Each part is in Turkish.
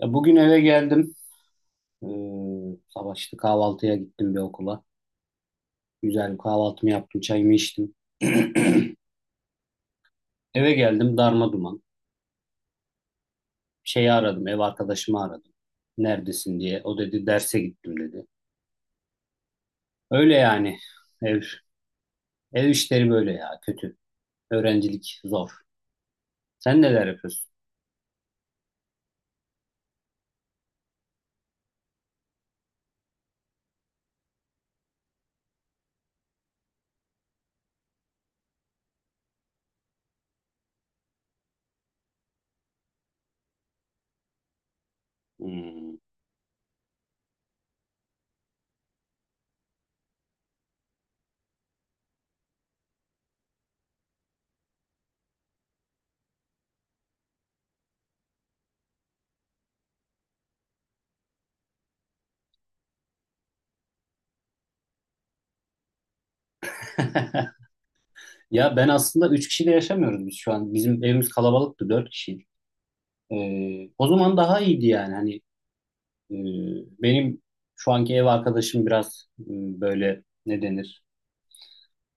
Ya bugün eve geldim. Ee, sabah işte kahvaltıya gittim bir okula. Güzel bir kahvaltımı yaptım, çayımı içtim. Eve geldim darma duman. Şeyi aradım, ev arkadaşımı aradım. Neredesin diye. O dedi derse gittim dedi. Öyle yani. Ev, ev işleri böyle ya kötü. Öğrencilik zor. Sen neler yapıyorsun? Hmm. Ya ben aslında 3 kişiyle yaşamıyoruz biz şu an. Bizim evimiz kalabalıktı 4 kişiydik. O zaman daha iyiydi yani. Hani. Ee, Benim şu anki ev arkadaşım biraz böyle ne denir?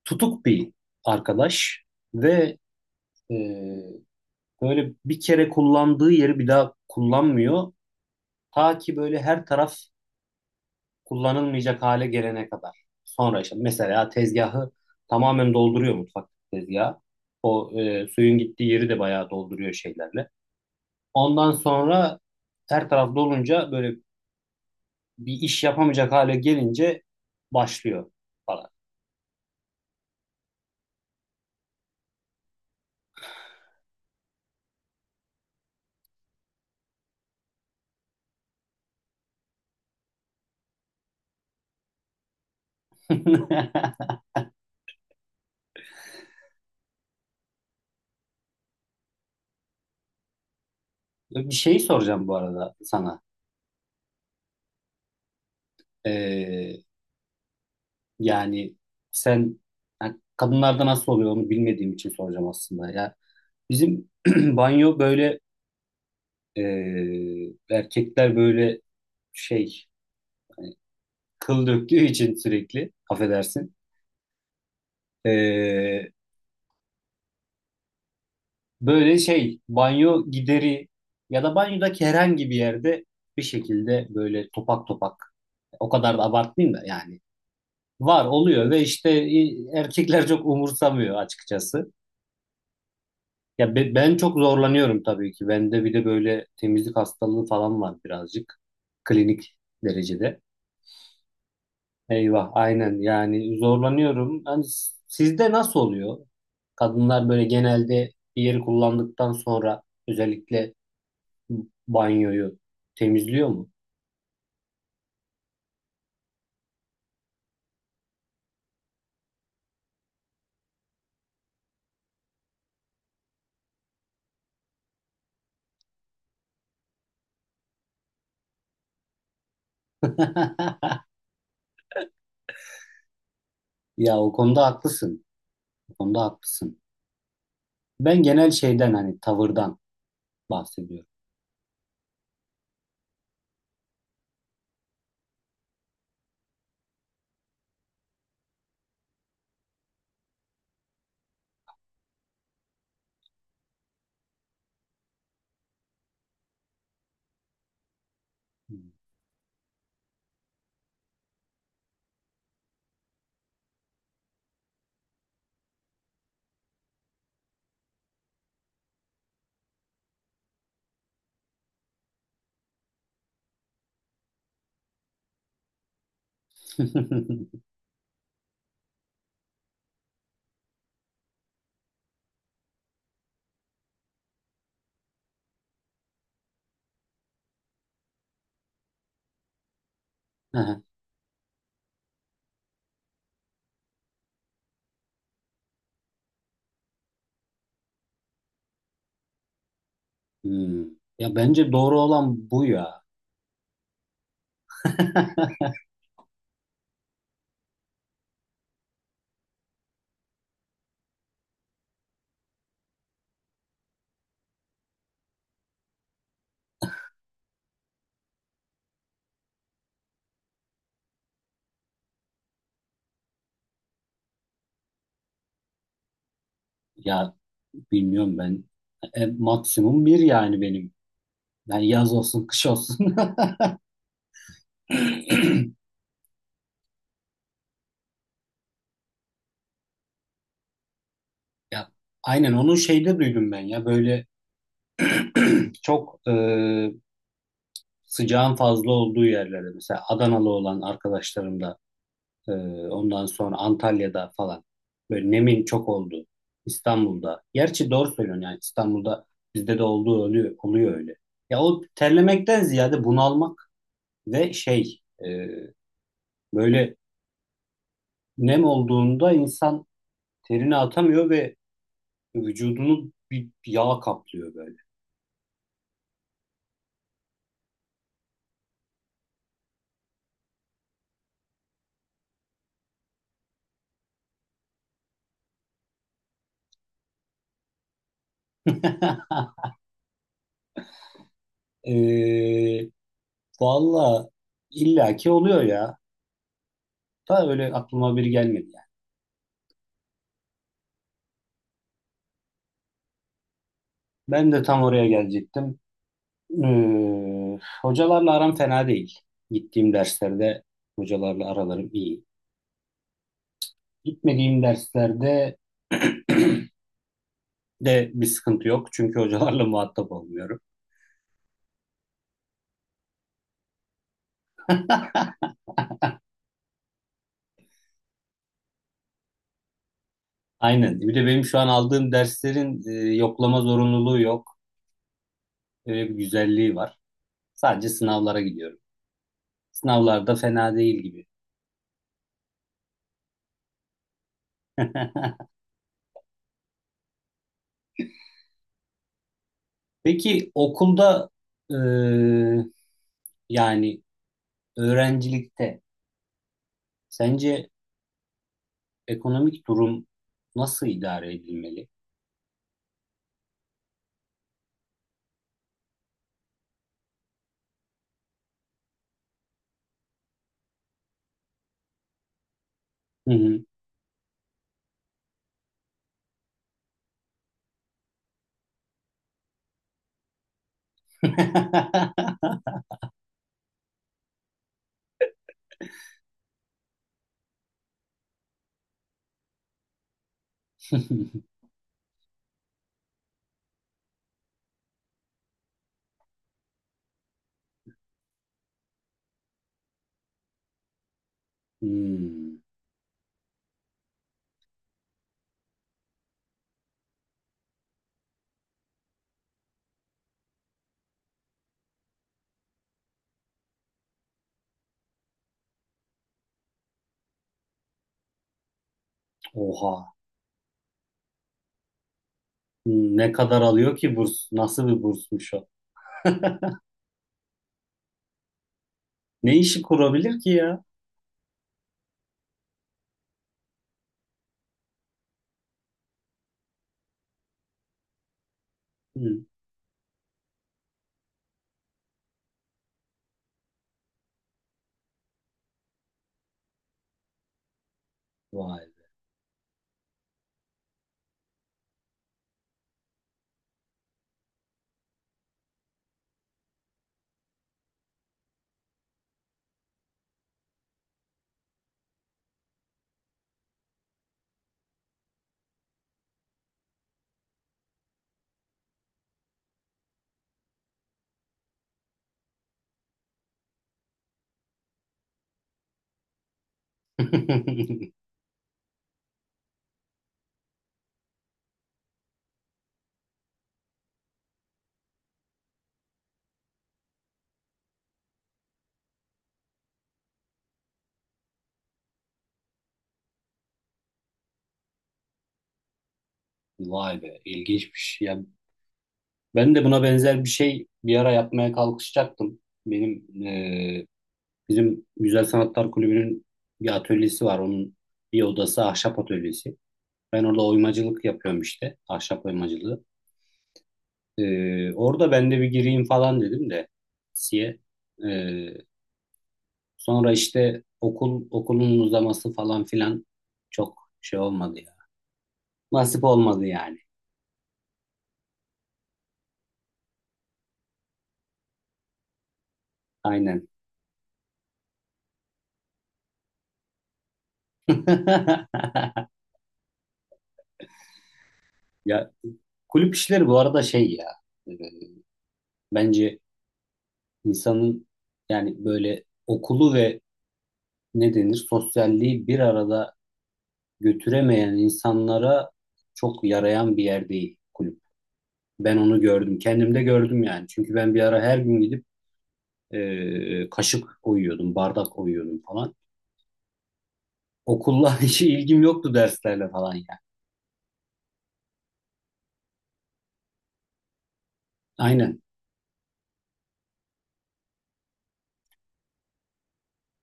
Tutuk bir arkadaş ve e, böyle bir kere kullandığı yeri bir daha kullanmıyor. Ta ki böyle her taraf kullanılmayacak hale gelene kadar. Sonra işte mesela tezgahı tamamen dolduruyor mutfak tezgahı. O suyun gittiği yeri de bayağı dolduruyor şeylerle. Ondan sonra her taraf dolunca böyle bir iş yapamayacak hale gelince başlıyor falan. Bir şey soracağım bu arada sana. Ee, yani sen yani kadınlarda nasıl oluyor onu bilmediğim için soracağım aslında. Ya bizim banyo böyle erkekler böyle şey hani kıl döktüğü için sürekli affedersin. Ee, böyle şey banyo gideri ya da banyodaki herhangi bir yerde bir şekilde böyle topak topak, o kadar da abartmayayım da yani, var oluyor ve işte erkekler çok umursamıyor açıkçası. Ya ben çok zorlanıyorum tabii ki. Bende bir de böyle temizlik hastalığı falan var birazcık. Klinik derecede. Eyvah aynen yani zorlanıyorum. Hani sizde nasıl oluyor? Kadınlar böyle genelde bir yeri kullandıktan sonra özellikle banyoyu temizliyor mu? Ya o konuda haklısın. O konuda haklısın. Ben genel şeyden hani tavırdan bahsediyorum. Aha. Hmm. Ya bence doğru olan bu ya. Ya bilmiyorum ben. Maksimum bir yani benim. Yani yaz olsun, kış olsun. Ya aynen onu şeyde duydum ben ya. Böyle çok sıcağın fazla olduğu yerlerde mesela Adanalı olan arkadaşlarım da e, ondan sonra Antalya'da falan böyle nemin çok oldu. İstanbul'da. Gerçi doğru söylüyorsun yani İstanbul'da bizde de olduğu oluyor, oluyor öyle. Ya o terlemekten ziyade bunalmak ve şey e, böyle nem olduğunda insan terini atamıyor ve vücudunu bir yağ kaplıyor böyle. E, valla illaki oluyor ya. Da öyle aklıma biri gelmedi yani. Ben de tam oraya gelecektim. Hocalarla aram fena değil. Gittiğim derslerde hocalarla aralarım iyi. Gitmediğim derslerde de bir sıkıntı yok. Çünkü hocalarla muhatap olmuyorum. Aynen. Bir de benim şu an aldığım derslerin yoklama zorunluluğu yok. Öyle bir güzelliği var. Sadece sınavlara gidiyorum. Sınavlarda fena değil gibi. Peki okulda e, yani öğrencilikte sence ekonomik durum nasıl idare edilmeli? Hı hı. Hmm, oha. Hmm, ne kadar alıyor ki burs? Nasıl bir bursmuş o? Ne işi kurabilir ki ya? Hmm, vay. Vay be, ilginçmiş. Ya ben de buna benzer bir şey bir ara yapmaya kalkışacaktım. Benim bizim Güzel Sanatlar Kulübü'nün bir atölyesi var. Onun bir odası ahşap atölyesi. Ben orada oymacılık yapıyorum işte, ahşap oymacılığı. Orada ben de bir gireyim falan dedim de siye. E, sonra işte okulun uzaması falan filan çok şey olmadı ya. Nasip olmadı yani. Aynen. Ya kulüp işleri bu arada şey ya e, bence insanın yani böyle okulu ve ne denir sosyalliği bir arada götüremeyen insanlara çok yarayan bir yer değil kulüp. Ben onu gördüm. Kendimde gördüm yani. Çünkü ben bir ara her gün gidip kaşık koyuyordum, bardak koyuyordum falan. Okulla hiç ilgim yoktu derslerle falan yani. Aynen.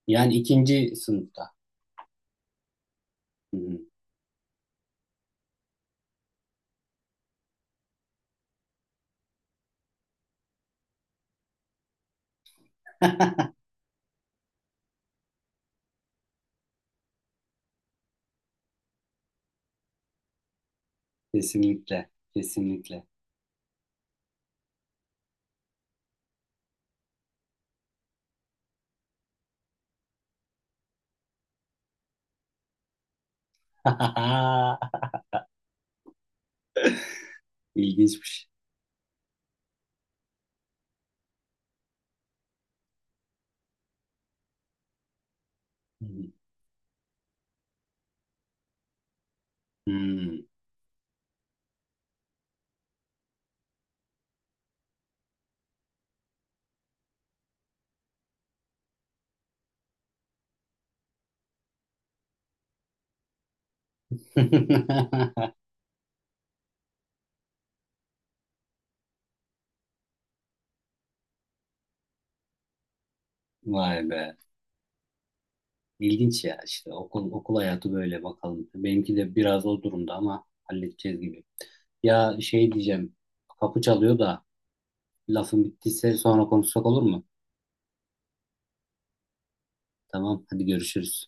Yani ikinci sınıfta. Hı hı. Kesinlikle. Kesinlikle. İlginçmiş. Hmm. Vay be. İlginç ya işte okul hayatı böyle bakalım. Benimki de biraz o durumda ama halledeceğiz gibi. Ya şey diyeceğim. Kapı çalıyor da lafın bittiyse sonra konuşsak olur mu? Tamam, hadi görüşürüz.